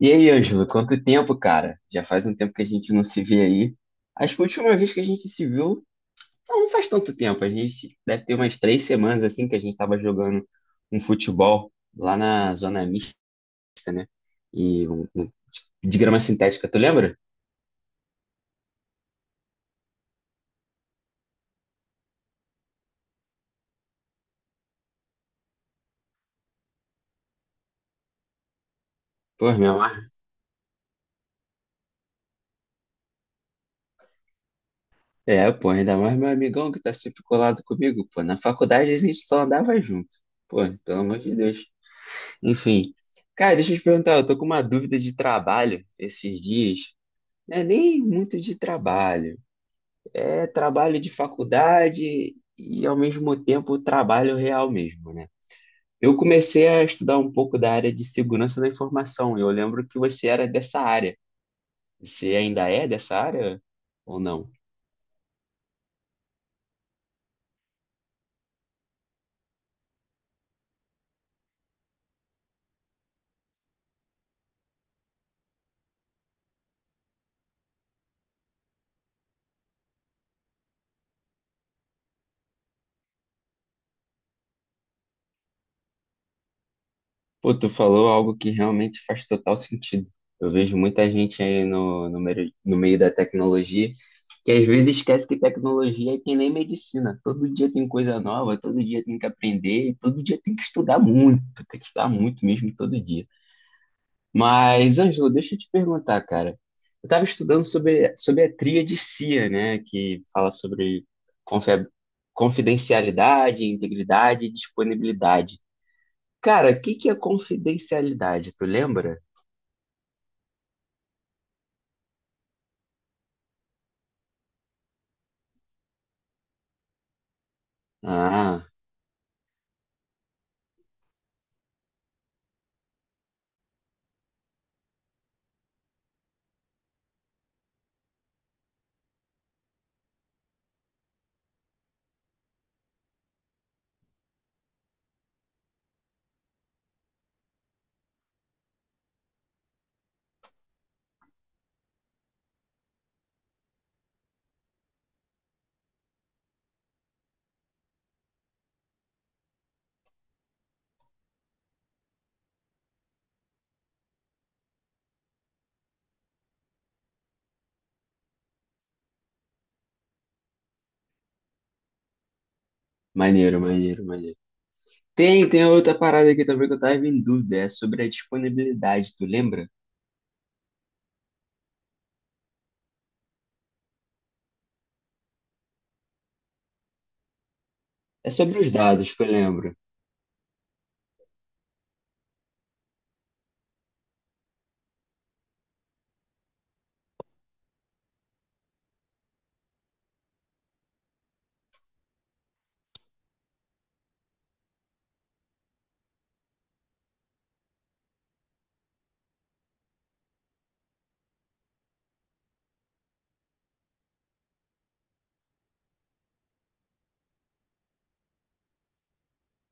E aí, Ângelo, quanto tempo, cara? Já faz um tempo que a gente não se vê aí. Acho que a última vez que a gente se viu, não faz tanto tempo. A gente deve ter umas 3 semanas assim que a gente estava jogando um futebol lá na zona mista, né? E um- um- de grama sintética, tu lembra? Pô, meu amor. É, pô, ainda mais meu amigão que tá sempre colado comigo, pô. Na faculdade a gente só andava junto. Pô, pelo amor de Deus. Enfim. Cara, deixa eu te perguntar, eu tô com uma dúvida de trabalho esses dias. Não é nem muito de trabalho, é trabalho de faculdade e ao mesmo tempo trabalho real mesmo, né? Eu comecei a estudar um pouco da área de segurança da informação. Eu lembro que você era dessa área. Você ainda é dessa área ou não? Pô, tu falou algo que realmente faz total sentido. Eu vejo muita gente aí no meio da tecnologia que às vezes esquece que tecnologia é que nem medicina. Todo dia tem coisa nova, todo dia tem que aprender, e todo dia tem que estudar muito, tem que estudar muito mesmo todo dia. Mas, Ângelo, deixa eu te perguntar, cara. Eu estava estudando sobre a tríade CIA, né, que fala sobre confia- confidencialidade, integridade e disponibilidade. Cara, o que que é confidencialidade? Tu lembra? Ah, maneiro, maneiro, maneiro. Tem outra parada aqui também que eu tava em dúvida. É sobre a disponibilidade, tu lembra? É sobre os dados que eu lembro.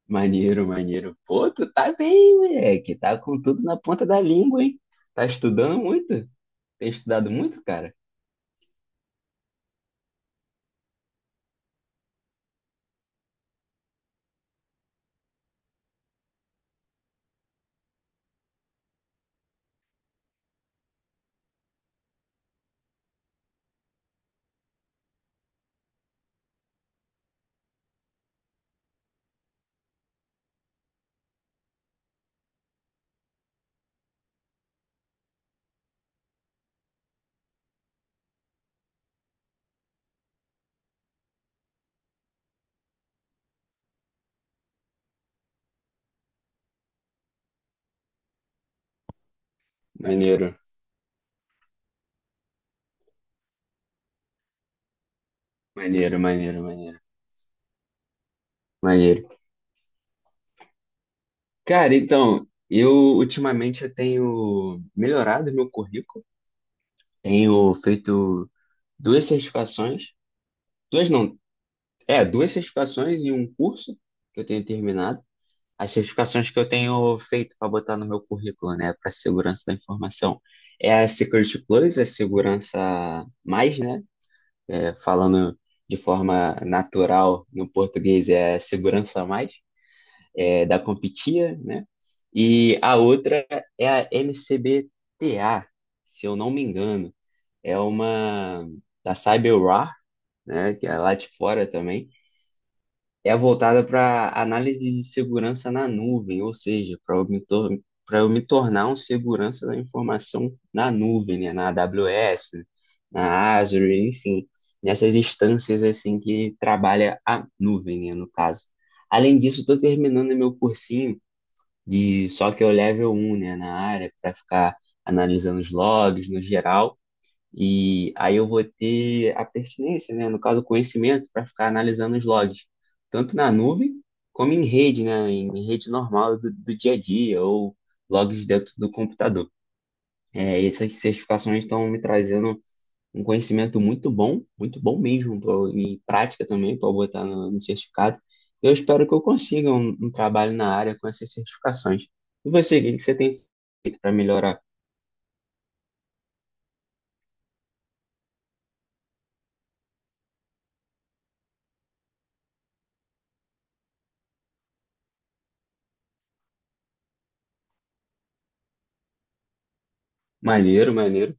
Maneiro, maneiro. Pô, tu tá bem, moleque. Tá com tudo na ponta da língua, hein? Tá estudando muito? Tem estudado muito, cara? Maneiro, maneiro, maneiro, maneiro, maneiro. Cara, então, eu ultimamente eu tenho melhorado meu currículo. Tenho feito duas certificações, duas não, duas certificações e um curso que eu tenho terminado. As certificações que eu tenho feito para botar no meu currículo, né, para segurança da informação, é a Security Plus, a segurança mais, né, falando de forma natural no português é a segurança mais, da competia, né, e a outra é a MCBT-A, se eu não me engano, é uma da CyberWar, né, que é lá de fora também, é voltada para análise de segurança na nuvem, ou seja, para eu, me tor- pra eu me tornar um segurança da informação na nuvem, né, na AWS, né, na Azure, enfim, nessas instâncias assim que trabalha a nuvem, né, no caso. Além disso, estou terminando meu cursinho de só que eu level 1, né, na área para ficar analisando os logs no geral e aí eu vou ter a pertinência, né? No caso, o conhecimento para ficar analisando os logs, tanto na nuvem como em rede, né? Em rede normal do dia a dia ou logs dentro do computador. É, essas certificações estão me trazendo um conhecimento muito bom mesmo, e prática também para botar no certificado. Eu espero que eu consiga um trabalho na área com essas certificações. E você, o que que você tem feito para melhorar? Maneiro, maneiro,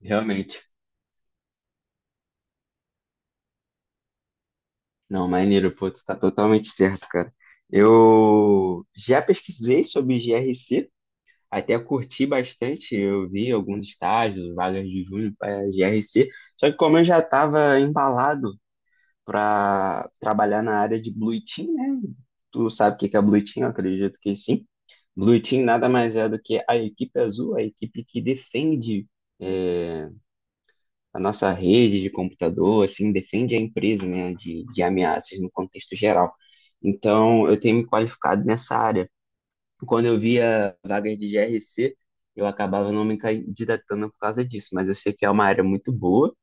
realmente. Não, maneiro, pô, tu tá totalmente certo, cara. Eu já pesquisei sobre GRC, até curti bastante, eu vi alguns estágios, vagas de junho para GRC, só que como eu já estava embalado para trabalhar na área de Blue Team, né? Tu sabe o que que é Blue Team? Eu acredito que sim. Blue Team nada mais é do que a equipe azul, a equipe que defende é, a nossa rede de computador, assim, defende a empresa, né, de ameaças no contexto geral. Então, eu tenho me qualificado nessa área. Quando eu via vagas de G R C eu acabava não me candidatando por causa disso, mas eu sei que é uma área muito boa.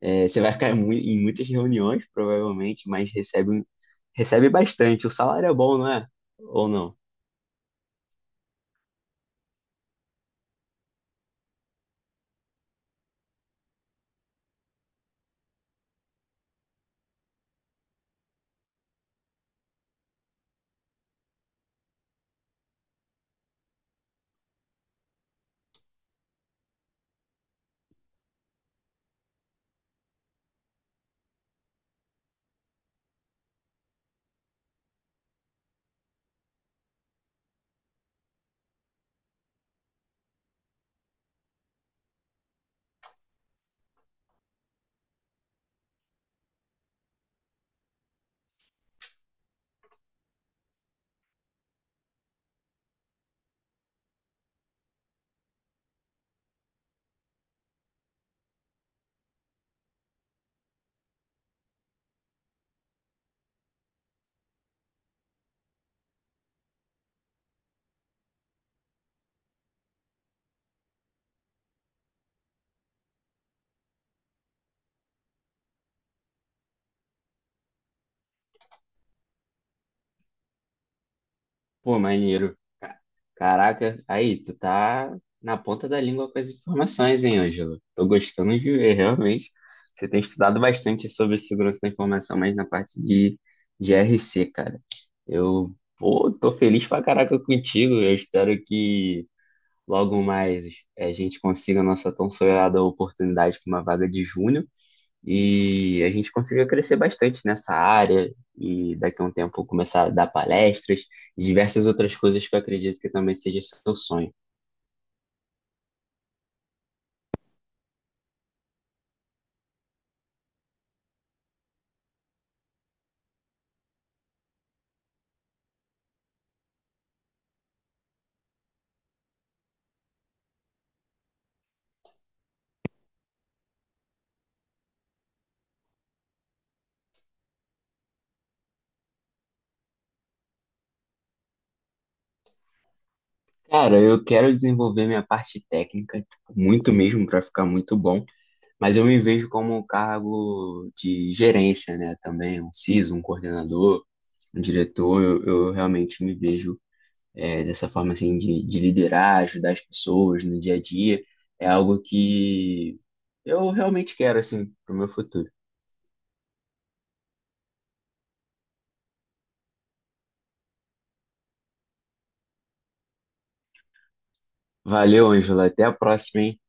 É, você vai ficar em muitas reuniões, provavelmente, mas recebe bastante. O salário é bom, não é? Ou não? Pô, maneiro. Ca- Caraca, aí, tu tá na ponta da língua com as informações, hein, Ângelo? Tô gostando de ver, realmente. Você tem estudado bastante sobre segurança da informação, mas na parte de G R C, cara. Eu, pô, tô feliz pra caraca contigo. Eu espero que logo mais a gente consiga a nossa tão sonhada oportunidade para uma vaga de júnior. E a gente conseguiu crescer bastante nessa área e daqui a um tempo começar a dar palestras e diversas outras coisas que eu acredito que também seja seu sonho. Cara, eu quero desenvolver minha parte técnica, tipo, muito mesmo, para ficar muito bom, mas eu me vejo como um cargo de gerência, né? Também um CISO, um coordenador, um diretor, eu realmente me vejo dessa forma assim de liderar, ajudar as pessoas no dia a dia, é algo que eu realmente quero assim para o meu futuro. Valeu, Ângela. Até a próxima, hein?